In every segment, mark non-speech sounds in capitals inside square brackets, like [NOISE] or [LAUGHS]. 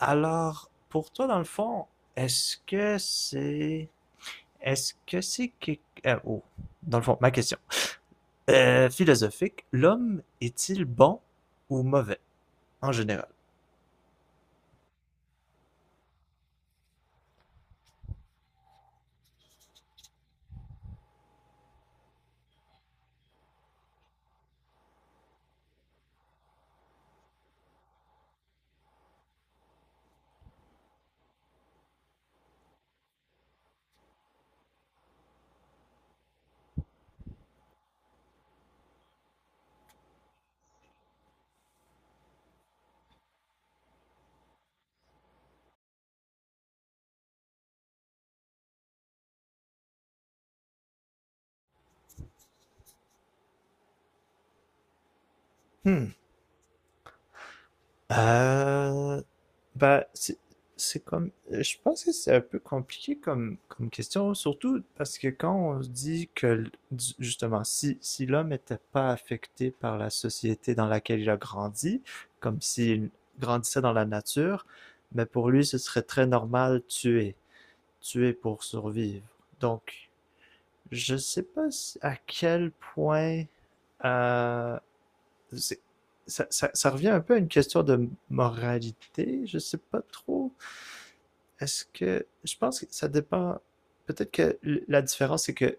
Alors, pour toi, dans le fond, est-ce que c'est... Est-ce que c'est... que- oh, dans le fond, ma question. Philosophique, l'homme est-il bon ou mauvais, en général? Hmm. Euh, Bah, c'est comme, je pense que c'est un peu compliqué comme question, surtout parce que quand on se dit que, justement, si l'homme n'était pas affecté par la société dans laquelle il a grandi, comme s'il grandissait dans la nature, mais pour lui, ce serait très normal tuer, tuer pour survivre. Donc, je sais pas à quel point, euh, ça revient un peu à une question de moralité, je sais pas trop. Est-ce que je pense que ça dépend. Peut-être que la différence c'est que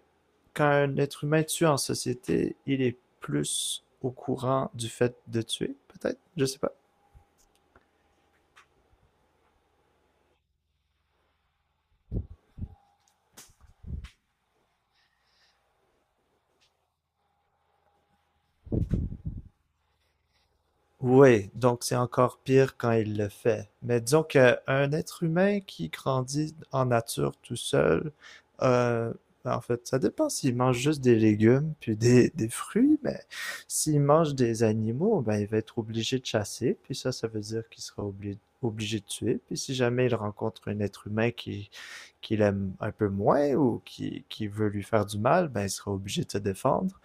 quand un être humain tue en société, il est plus au courant du fait de tuer, peut-être. Je sais pas. Oui, donc c'est encore pire quand il le fait. Mais disons qu'un être humain qui grandit en nature tout seul, euh, en fait, ça dépend s'il mange juste des légumes puis des fruits, mais s'il mange des animaux, ben il va être obligé de chasser, puis ça veut dire qu'il sera obligé de tuer, puis si jamais il rencontre un être humain qui l'aime un peu moins ou qui veut lui faire du mal, ben il sera obligé de se défendre.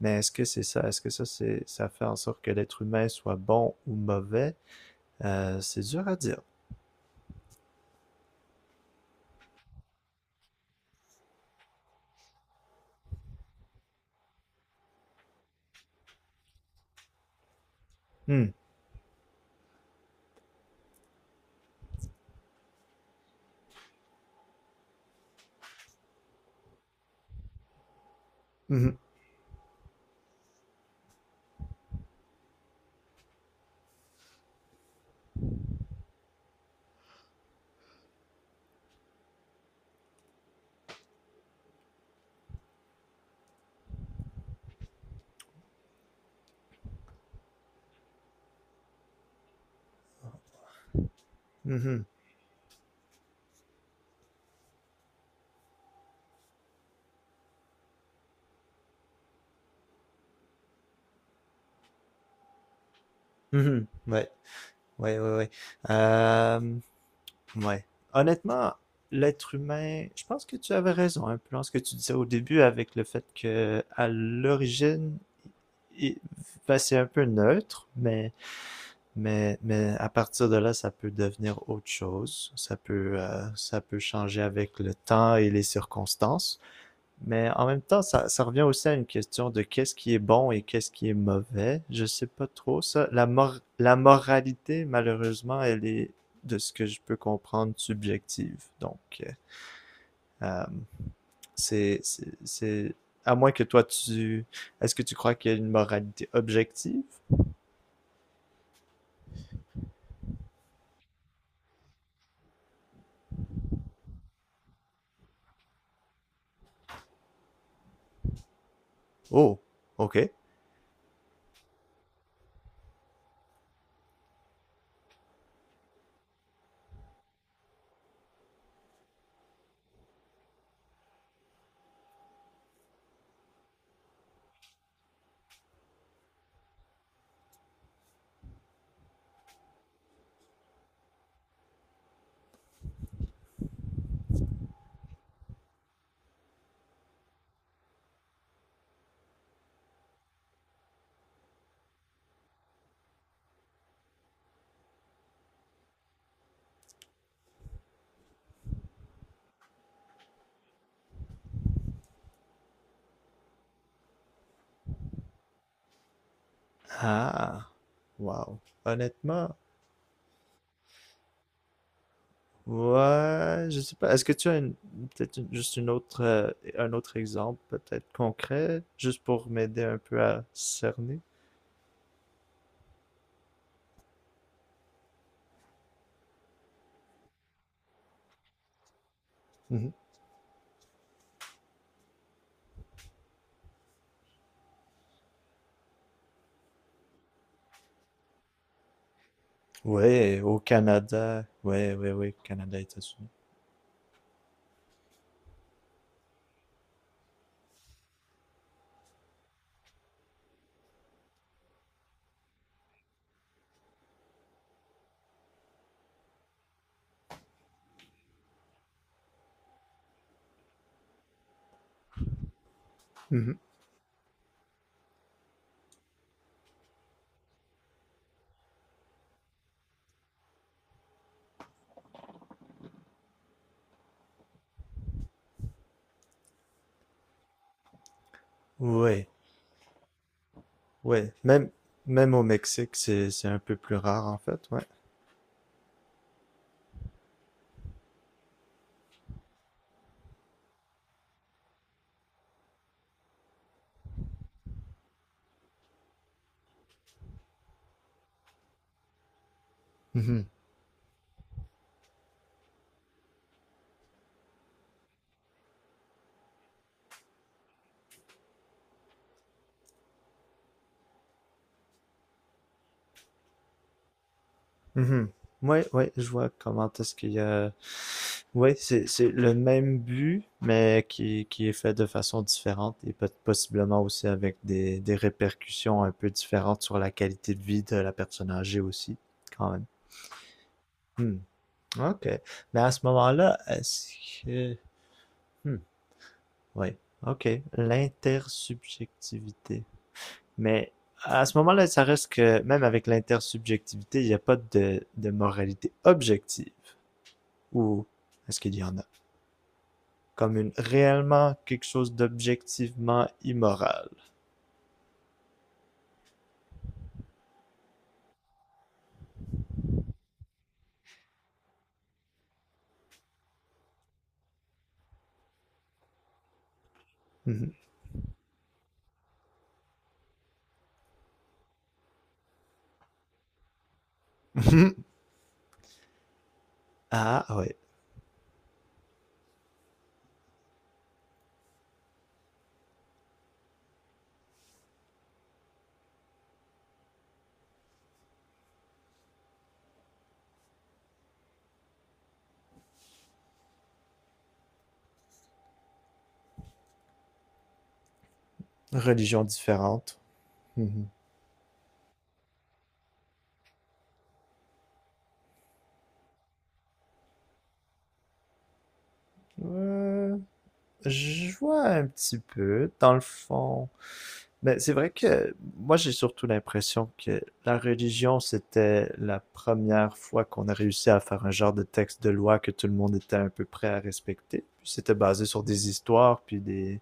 Mais est-ce que c'est ça? Est-ce que ça, ça fait en sorte que l'être humain soit bon ou mauvais? C'est dur à dire. Hmm. Mhm. Mhm. Mhm. Ouais. Ouais, ouais, ouais. Euh, ouais. Honnêtement, l'être humain, je pense que tu avais raison un peu dans ce que tu disais au début avec le fait que à l'origine, il- ben, c'est un peu neutre, mais à partir de là, ça peut devenir autre chose. Ça peut changer avec le temps et les circonstances. Mais en même temps, ça revient aussi à une question de qu'est-ce qui est bon et qu'est-ce qui est mauvais. Je sais pas trop ça. La moralité, malheureusement, elle est, de ce que je peux comprendre, subjective. Donc, euh, euh, c'est, c'est, c'est, à moins que est-ce que tu crois qu'il y a une moralité objective? Oh, ok. Ah, wow. Honnêtement, ouais, je sais pas. Est-ce que tu as une, peut-être juste une autre, un autre exemple, peut-être concret, juste pour m'aider un peu à cerner? Mhm. Ouais, au Canada. Ouais, ouais, ouais, Canada, États-Unis. Mhm. Ouais, ouais. Même au Mexique, c'est un peu plus rare, en fait, ouais. Mhm. Ouais, ouais, je vois comment est-ce qu'il y a... Ouais, c'est le même but, mais qui est fait de façon différente et peut possiblement aussi avec des répercussions un peu différentes sur la qualité de vie de la personne âgée aussi, quand même. Hmm. OK. Mais à ce moment-là, est-ce que... Hmm. Oui. OK. L'intersubjectivité. Mais à ce moment-là, ça reste que, même avec l'intersubjectivité, il n'y a pas de moralité objective. Ou est-ce qu'il y en a? Comme une réellement quelque chose d'objectivement immoral. Mhm. Mhm. [LAUGHS] Ah, ouais. Religion différente. Mhm. Euh, je vois un petit peu, dans le fond. Mais c'est vrai que moi, j'ai surtout l'impression que la religion, c'était la première fois qu'on a réussi à faire un genre de texte de loi que tout le monde était un peu prêt à respecter. Puis c'était basé sur des histoires,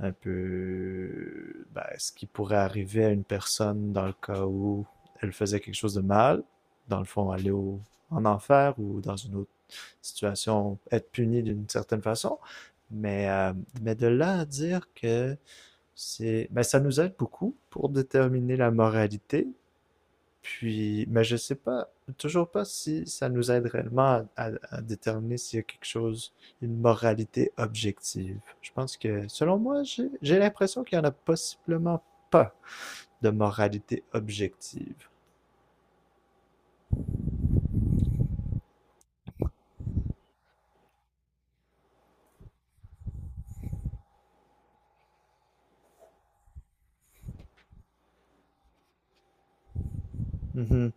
un peu ben, ce qui pourrait arriver à une personne dans le cas où elle faisait quelque chose de mal, dans le fond en enfer ou dans une autre situation, être puni d'une certaine façon. Mais, euh, mais de là à dire que ben, ça nous aide beaucoup pour déterminer la moralité, puis, mais je sais pas, toujours pas si ça nous aide réellement à déterminer s'il y a quelque chose, une moralité objective. Je pense que, selon moi, j'ai l'impression qu'il y en a possiblement pas de moralité objective. Mhm.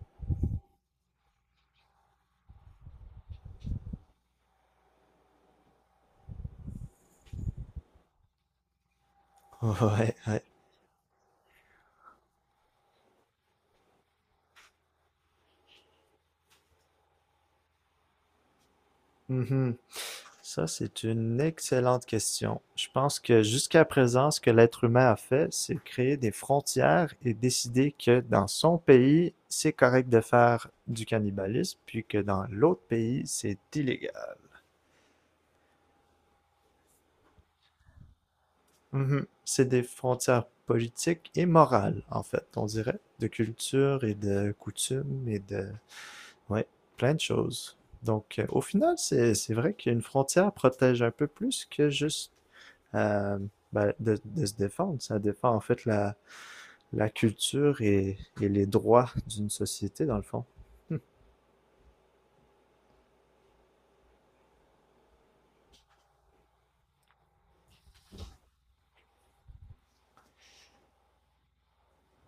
[LAUGHS] Ouais, ouais. Mhm. Ça, c'est une excellente question. Je pense que jusqu'à présent, ce que l'être humain a fait, c'est créer des frontières et décider que dans son pays, c'est correct de faire du cannibalisme, puis que dans l'autre pays, c'est illégal. Mhm. C'est des frontières politiques et morales, en fait, on dirait, de culture et de coutumes et de... Ouais, plein de choses. Donc, au final, c'est vrai qu'une frontière protège un peu plus que juste euh, ben, de se défendre. Ça défend en fait la culture et les droits d'une société, dans le fond.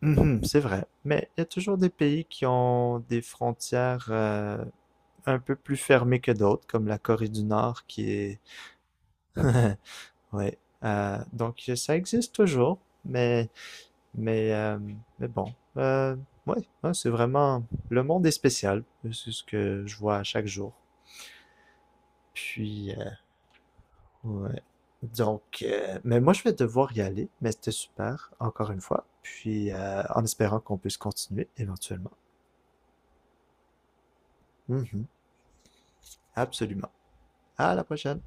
Mhm, c'est vrai. Mais il y a toujours des pays qui ont des frontières un peu plus fermées que d'autres, comme la Corée du Nord qui est... [LAUGHS] ouais. Donc ça existe toujours, mais mais euh, mais bon. Ouais, hein, c'est vraiment le monde est spécial. C'est ce que je vois à chaque jour. Puis ouais. Donc, mais moi, je vais devoir y aller, mais c'était super, encore une fois. Puis, en espérant qu'on puisse continuer éventuellement. Mhm. Absolument. À la prochaine.